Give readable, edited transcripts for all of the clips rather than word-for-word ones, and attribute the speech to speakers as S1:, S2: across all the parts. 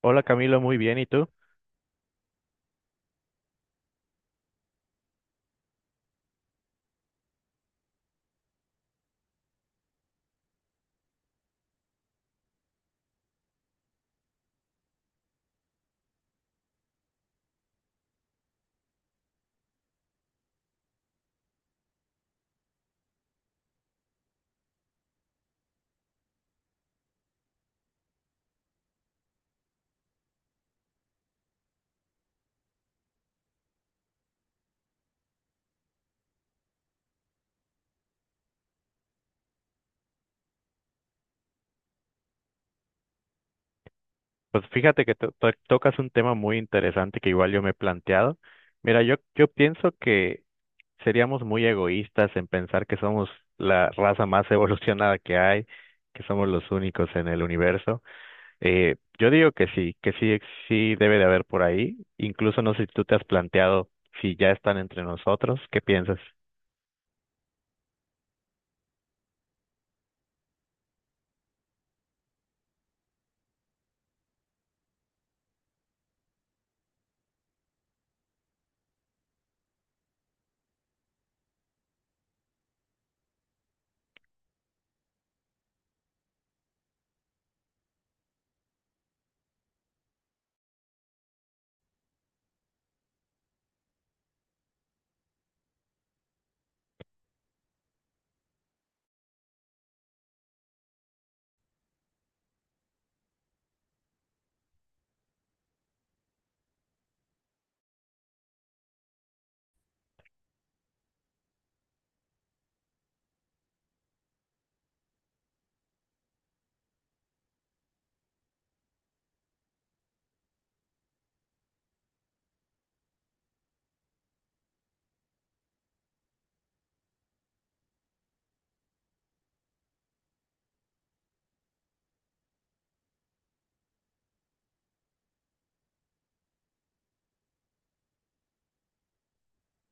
S1: Hola Camilo, muy bien. ¿Y tú? Pues fíjate que tocas un tema muy interesante que igual yo me he planteado. Mira, yo pienso que seríamos muy egoístas en pensar que somos la raza más evolucionada que hay, que somos los únicos en el universo. Yo digo que sí, sí debe de haber por ahí. Incluso no sé si tú te has planteado si ya están entre nosotros. ¿Qué piensas?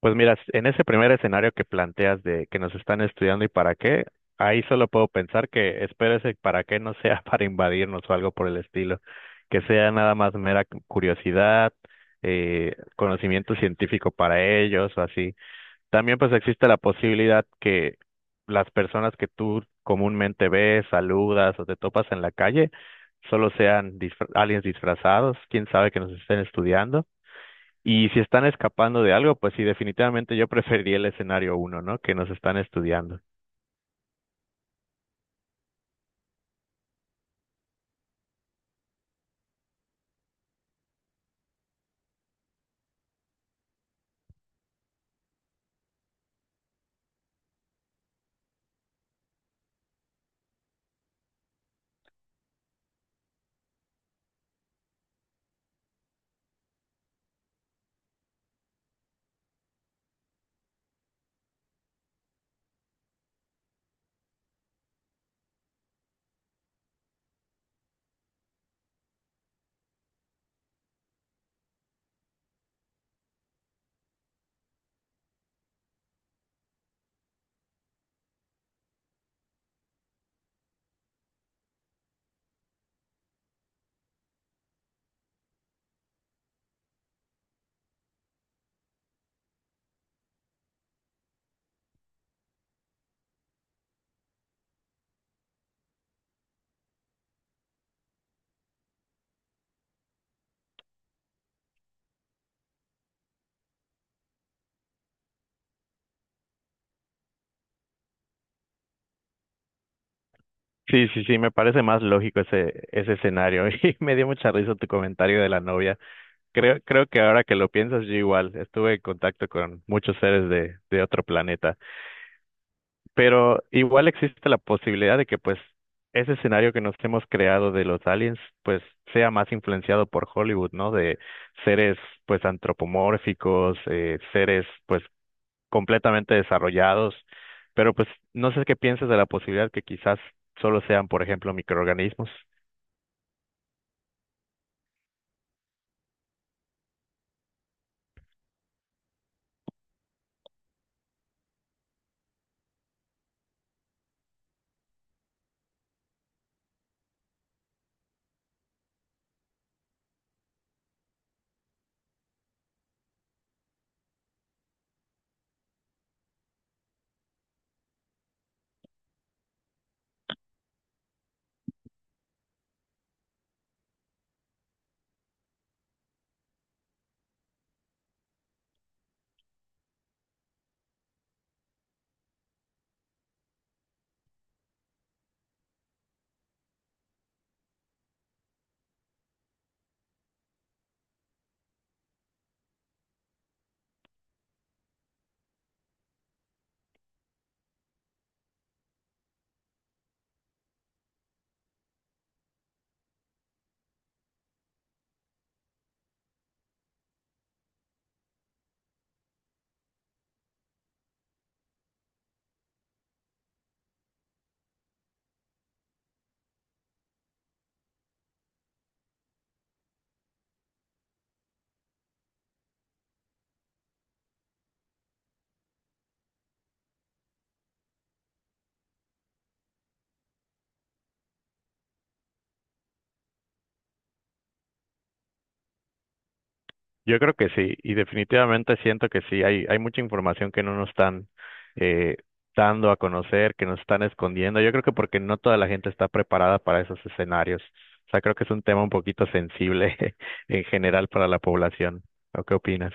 S1: Pues mira, en ese primer escenario que planteas de que nos están estudiando y para qué, ahí solo puedo pensar que espero ese para qué no sea para invadirnos o algo por el estilo, que sea nada más mera curiosidad, conocimiento científico para ellos o así. También pues existe la posibilidad que las personas que tú comúnmente ves, saludas o te topas en la calle, solo sean aliens disfrazados, quién sabe que nos estén estudiando. Y si están escapando de algo, pues sí, definitivamente yo preferiría el escenario uno, ¿no? Que nos están estudiando. Sí, sí, sí, me parece más lógico ese escenario. Y me dio mucha risa tu comentario de la novia. Creo que ahora que lo piensas, yo igual estuve en contacto con muchos seres de otro planeta. Pero igual existe la posibilidad de que, pues, ese escenario que nos hemos creado de los aliens, pues, sea más influenciado por Hollywood, ¿no? De seres, pues, antropomórficos, seres, pues, completamente desarrollados, pero pues no sé qué piensas de la posibilidad que quizás solo sean, por ejemplo, microorganismos. Yo creo que sí, y definitivamente siento que sí, hay mucha información que no nos están eh, dando a conocer, que nos están escondiendo. Yo creo que porque no toda la gente está preparada para esos escenarios. O sea, creo que es un tema un poquito sensible en general para la población. ¿O qué opinas?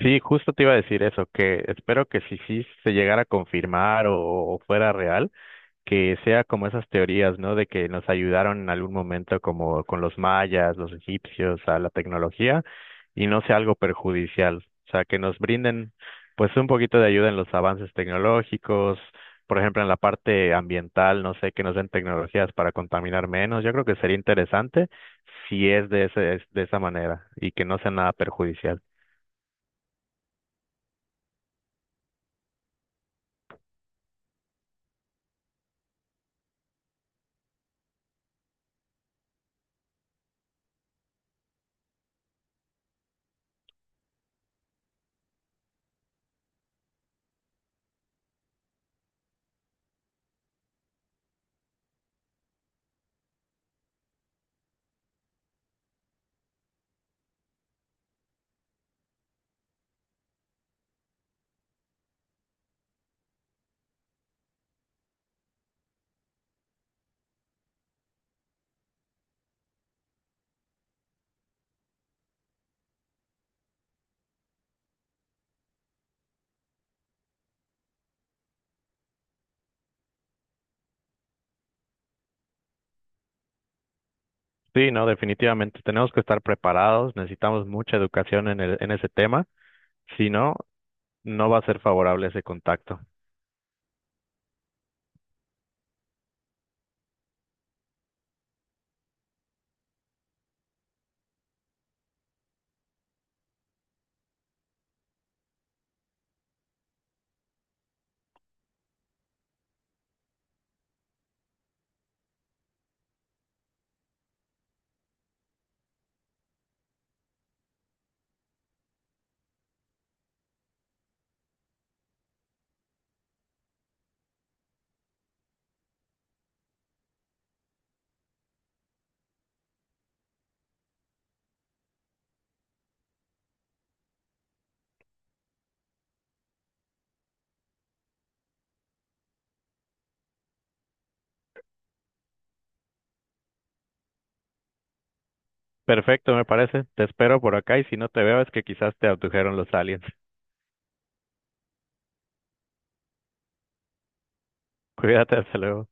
S1: Sí, justo te iba a decir eso, que espero que si sí se llegara a confirmar o fuera real que sea como esas teorías, ¿no? De que nos ayudaron en algún momento como con los mayas, los egipcios, a la tecnología y no sea algo perjudicial. O sea, que nos brinden pues un poquito de ayuda en los avances tecnológicos, por ejemplo, en la parte ambiental, no sé, que nos den tecnologías para contaminar menos. Yo creo que sería interesante si es de es de esa manera y que no sea nada perjudicial. Sí, no, definitivamente tenemos que estar preparados, necesitamos mucha educación en en ese tema. Si no, no va a ser favorable ese contacto. Perfecto, me parece. Te espero por acá y si no te veo es que quizás te abdujeron los aliens. Cuídate, hasta luego.